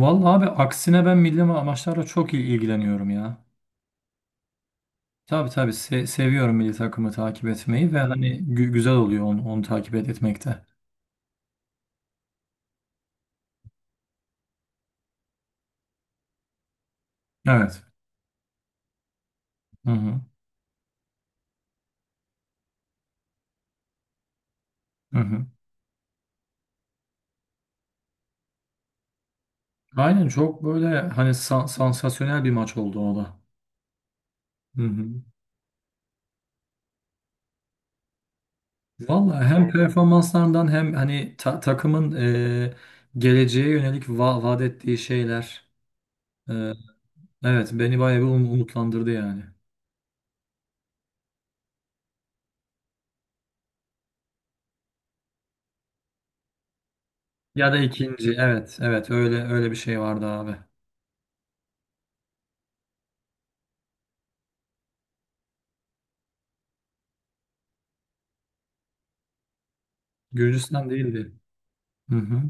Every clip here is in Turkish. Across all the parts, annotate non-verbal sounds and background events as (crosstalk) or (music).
Vallahi abi aksine ben milli maçlarla çok ilgileniyorum ya. Tabii tabii, seviyorum milli takımı takip etmeyi ve hani güzel oluyor onu takip etmekte. Evet. Hı hı. Hı hı. Aynen, çok böyle hani sansasyonel bir maç oldu o da. Hı hı. Vallahi hem performanslarından hem hani takımın geleceğe yönelik vaat ettiği şeyler, e, evet, beni bayağı bir umutlandırdı yani. Ya da ikinci, evet evet, öyle öyle bir şey vardı abi. Gürcistan değildi. Hı hı.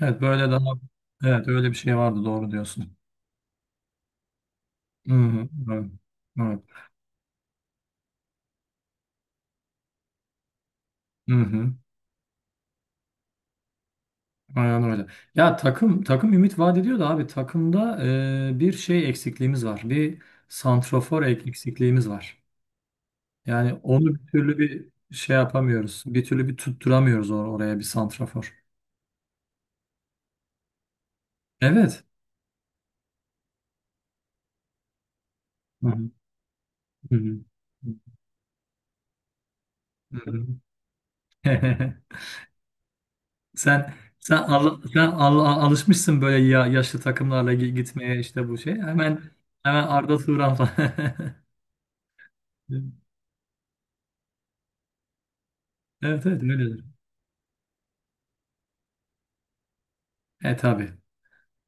Evet, böyle daha, evet, öyle bir şey vardı, doğru diyorsun. Hı hı. Evet. Evet. Hı hı. Aynen öyle. Ya takım ümit vaat ediyor da abi takımda, bir şey eksikliğimiz var. Bir santrafor eksikliğimiz var. Yani onu bir türlü bir şey yapamıyoruz. Bir türlü bir tutturamıyoruz oraya bir santrafor. Evet. Hı hı. Hı hı. Hı hı. (laughs) Sen alışmışsın böyle ya, yaşlı takımlarla gitmeye işte bu şey. Hemen hemen Arda Turan falan. (laughs) Evet evet, öyledir. Tabii.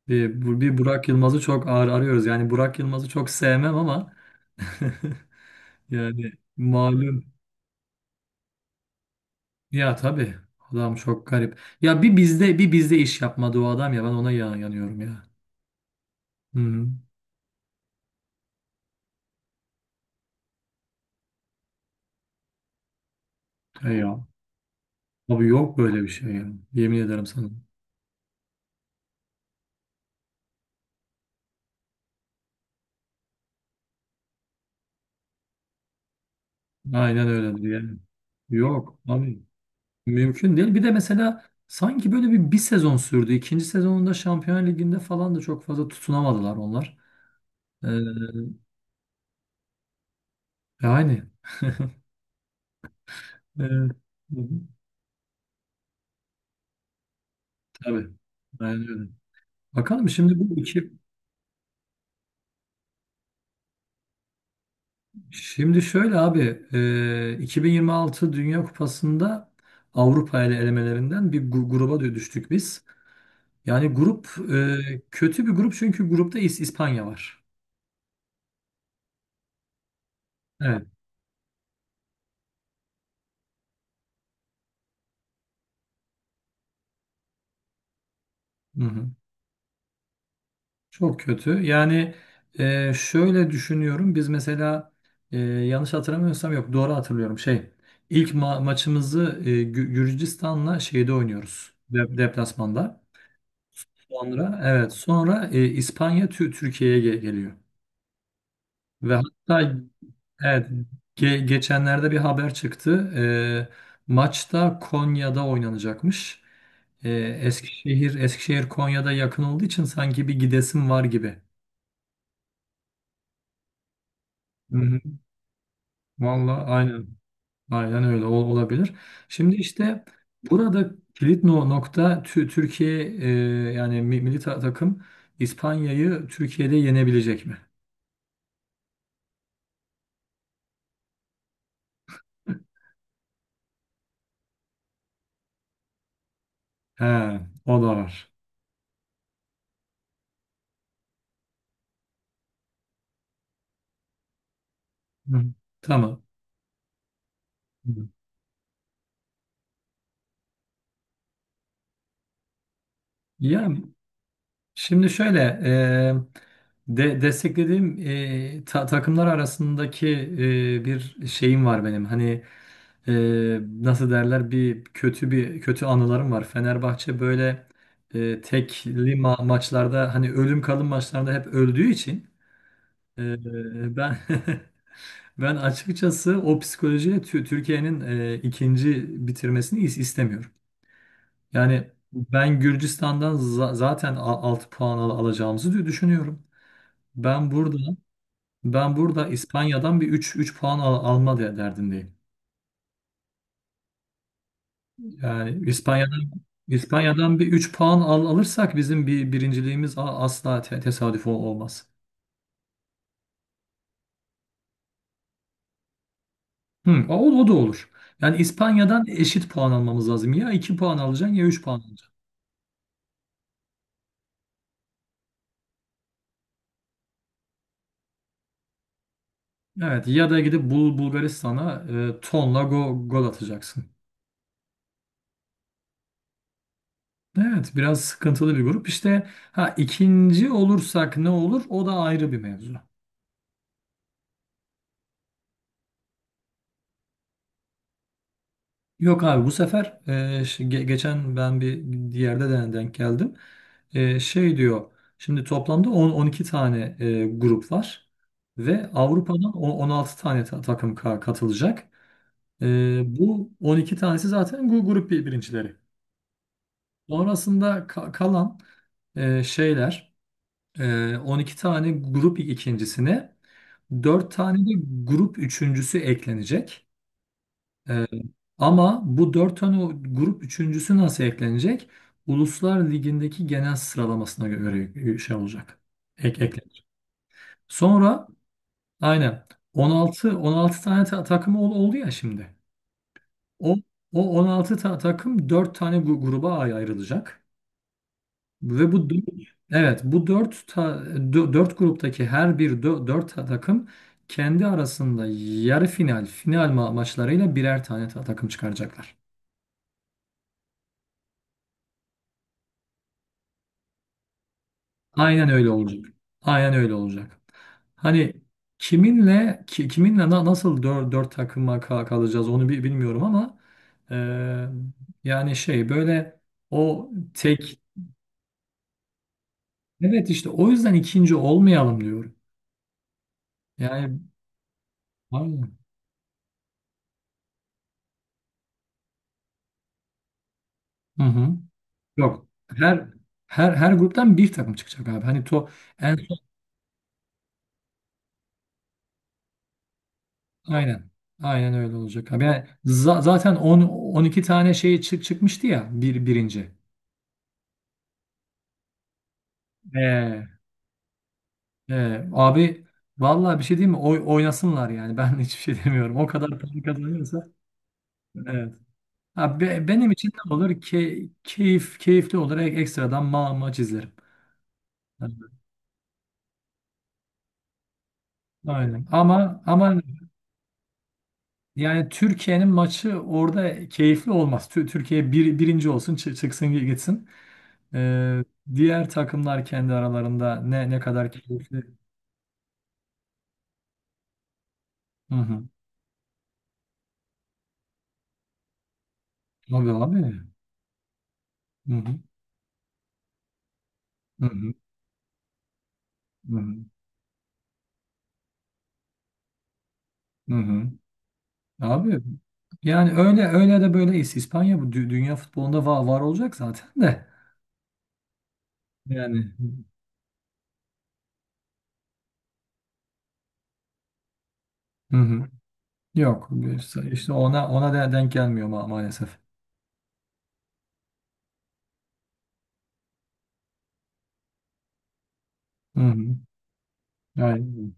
Bir Burak Yılmaz'ı çok ağır arıyoruz. Yani Burak Yılmaz'ı çok sevmem ama (laughs) yani malum. Ya tabii. Adam çok garip. Ya bir bizde iş yapmadı o adam ya. Ben ona yanıyorum ya. Hı hı. Ya. Abi yok böyle bir şey ya. Yemin ederim sana. Aynen öyledir yani. Yok abi. Mümkün değil. Bir de mesela sanki böyle bir sezon sürdü. İkinci sezonunda Şampiyon Ligi'nde falan da çok fazla tutunamadılar onlar. Ee, Yani, e, tabii. Aynen öyle. Bakalım şimdi bu iki Şimdi şöyle abi, 2026 Dünya Kupası'nda Avrupa elemelerinden bir gruba düştük biz. Yani grup Kötü bir grup, çünkü grupta İspanya var. Evet. Hı hı. Çok kötü. Yani, şöyle düşünüyorum. Biz mesela, yanlış hatırlamıyorsam, yok, doğru hatırlıyorum. İlk maçımızı, Gürcistan'la şeyde oynuyoruz. Deplasmanda. Sonra, İspanya Türkiye'ye geliyor. Ve hatta, evet, geçenlerde bir haber çıktı. Maçta Konya'da oynanacakmış. E, Eskişehir Konya'da yakın olduğu için sanki bir gidesim var gibi. Hı hı. Vallahi, aynen. Aynen öyle olabilir. Şimdi işte burada kilit nokta, Türkiye, yani milli takım, İspanya'yı Türkiye'de yenebilecek mi? (laughs) He, o da var. Hı. Tamam. Hı. Ya şimdi şöyle, desteklediğim takımlar arasındaki, bir şeyim var benim. Hani, nasıl derler, bir kötü anılarım var. Fenerbahçe böyle, tekli maçlarda hani ölüm kalım maçlarında hep öldüğü için, e, ben (laughs) ben açıkçası o psikolojiyle Türkiye'nin, ikinci bitirmesini istemiyorum. Yani ben Gürcistan'dan zaten 6 puan alacağımızı düşünüyorum. Ben burada Ben burada İspanya'dan bir 3 puan alma derdindeyim. Yani İspanya'dan bir 3 puan alırsak bizim bir birinciliğimiz asla tesadüf olmaz. Hı, o da olur. Yani İspanya'dan eşit puan almamız lazım. Ya 2 puan alacaksın ya 3 puan alacaksın. Evet, ya da gidip Bulgaristan'a, tonla gol atacaksın. Evet, biraz sıkıntılı bir grup. İşte, ha, ikinci olursak ne olur, o da ayrı bir mevzu. Yok abi, bu sefer geçen ben bir yerde de denk geldim. Şey diyor, şimdi toplamda 10-12 tane grup var ve Avrupa'dan 16 tane takım katılacak. Bu 12 tanesi zaten grup birincileri. Sonrasında kalan, şeyler, 12 tane grup ikincisine 4 tane de grup üçüncüsü eklenecek. Ee, Ama bu dört tane o grup üçüncüsü nasıl eklenecek? Uluslar Ligi'ndeki genel sıralamasına göre şey olacak. Eklenecek. Sonra aynen, 16 tane takım oldu ya şimdi. O O 16 takım 4 tane gruba ayrılacak. Ve bu dö- evet bu 4 ta, 4 gruptaki her bir 4 takım kendi arasında yarı final, final maçlarıyla birer tane takım çıkaracaklar. Aynen öyle olacak. Aynen öyle olacak. Hani kiminle nasıl dört takıma kalacağız, onu bilmiyorum ama, eee, yani şey böyle o tek evet, işte o yüzden ikinci olmayalım diyorum. Yani, aynen. Hı hı. Yok. Her Her gruptan bir takım çıkacak abi. Hani en son, aynen. Aynen öyle olacak abi. Yani zaten 10 12 tane şey çıkmıştı ya bir birinci. Ee, Abi vallahi bir şey diyeyim mi? Oynasınlar yani. Ben (laughs) hiçbir şey demiyorum. O kadar para kazanıyorsa. Evet. Ha, benim için ne olur? Keyifli olur. Ekstradan maç izlerim. Evet, aynen. Ama yani, Türkiye'nin maçı orada keyifli olmaz. Türkiye birinci olsun, çıksın gitsin. Ee, Diğer takımlar kendi aralarında ne kadar keyifli. Hı hı. Tabii abi. Hı hı. Hı hı. Hı hı. Hı hı. Abi yani, öyle öyle de böyle, İspanya bu dünya futbolunda var, var olacak zaten de. Yani. Hı hı. Yok, işte ona denk gelmiyor maalesef. Hı hı. Aynen,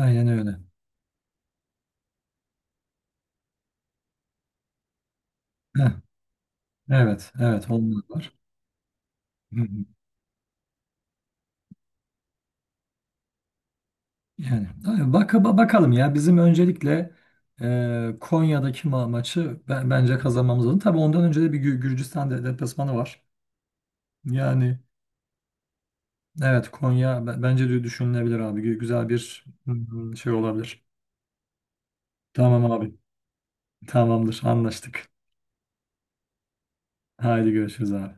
aynen öyle. Heh, evet evet, onlar var. Hı hı. Yani abi, bak, bakalım ya, bizim öncelikle Konya'daki maçı, bence kazanmamız lazım. Tabii ondan önce de bir Gürcistan deplasmanı var. Yani. Evet, Konya bence de düşünülebilir abi. Güzel bir şey olabilir. Tamam abi. Tamamdır. Anlaştık. Haydi görüşürüz abi.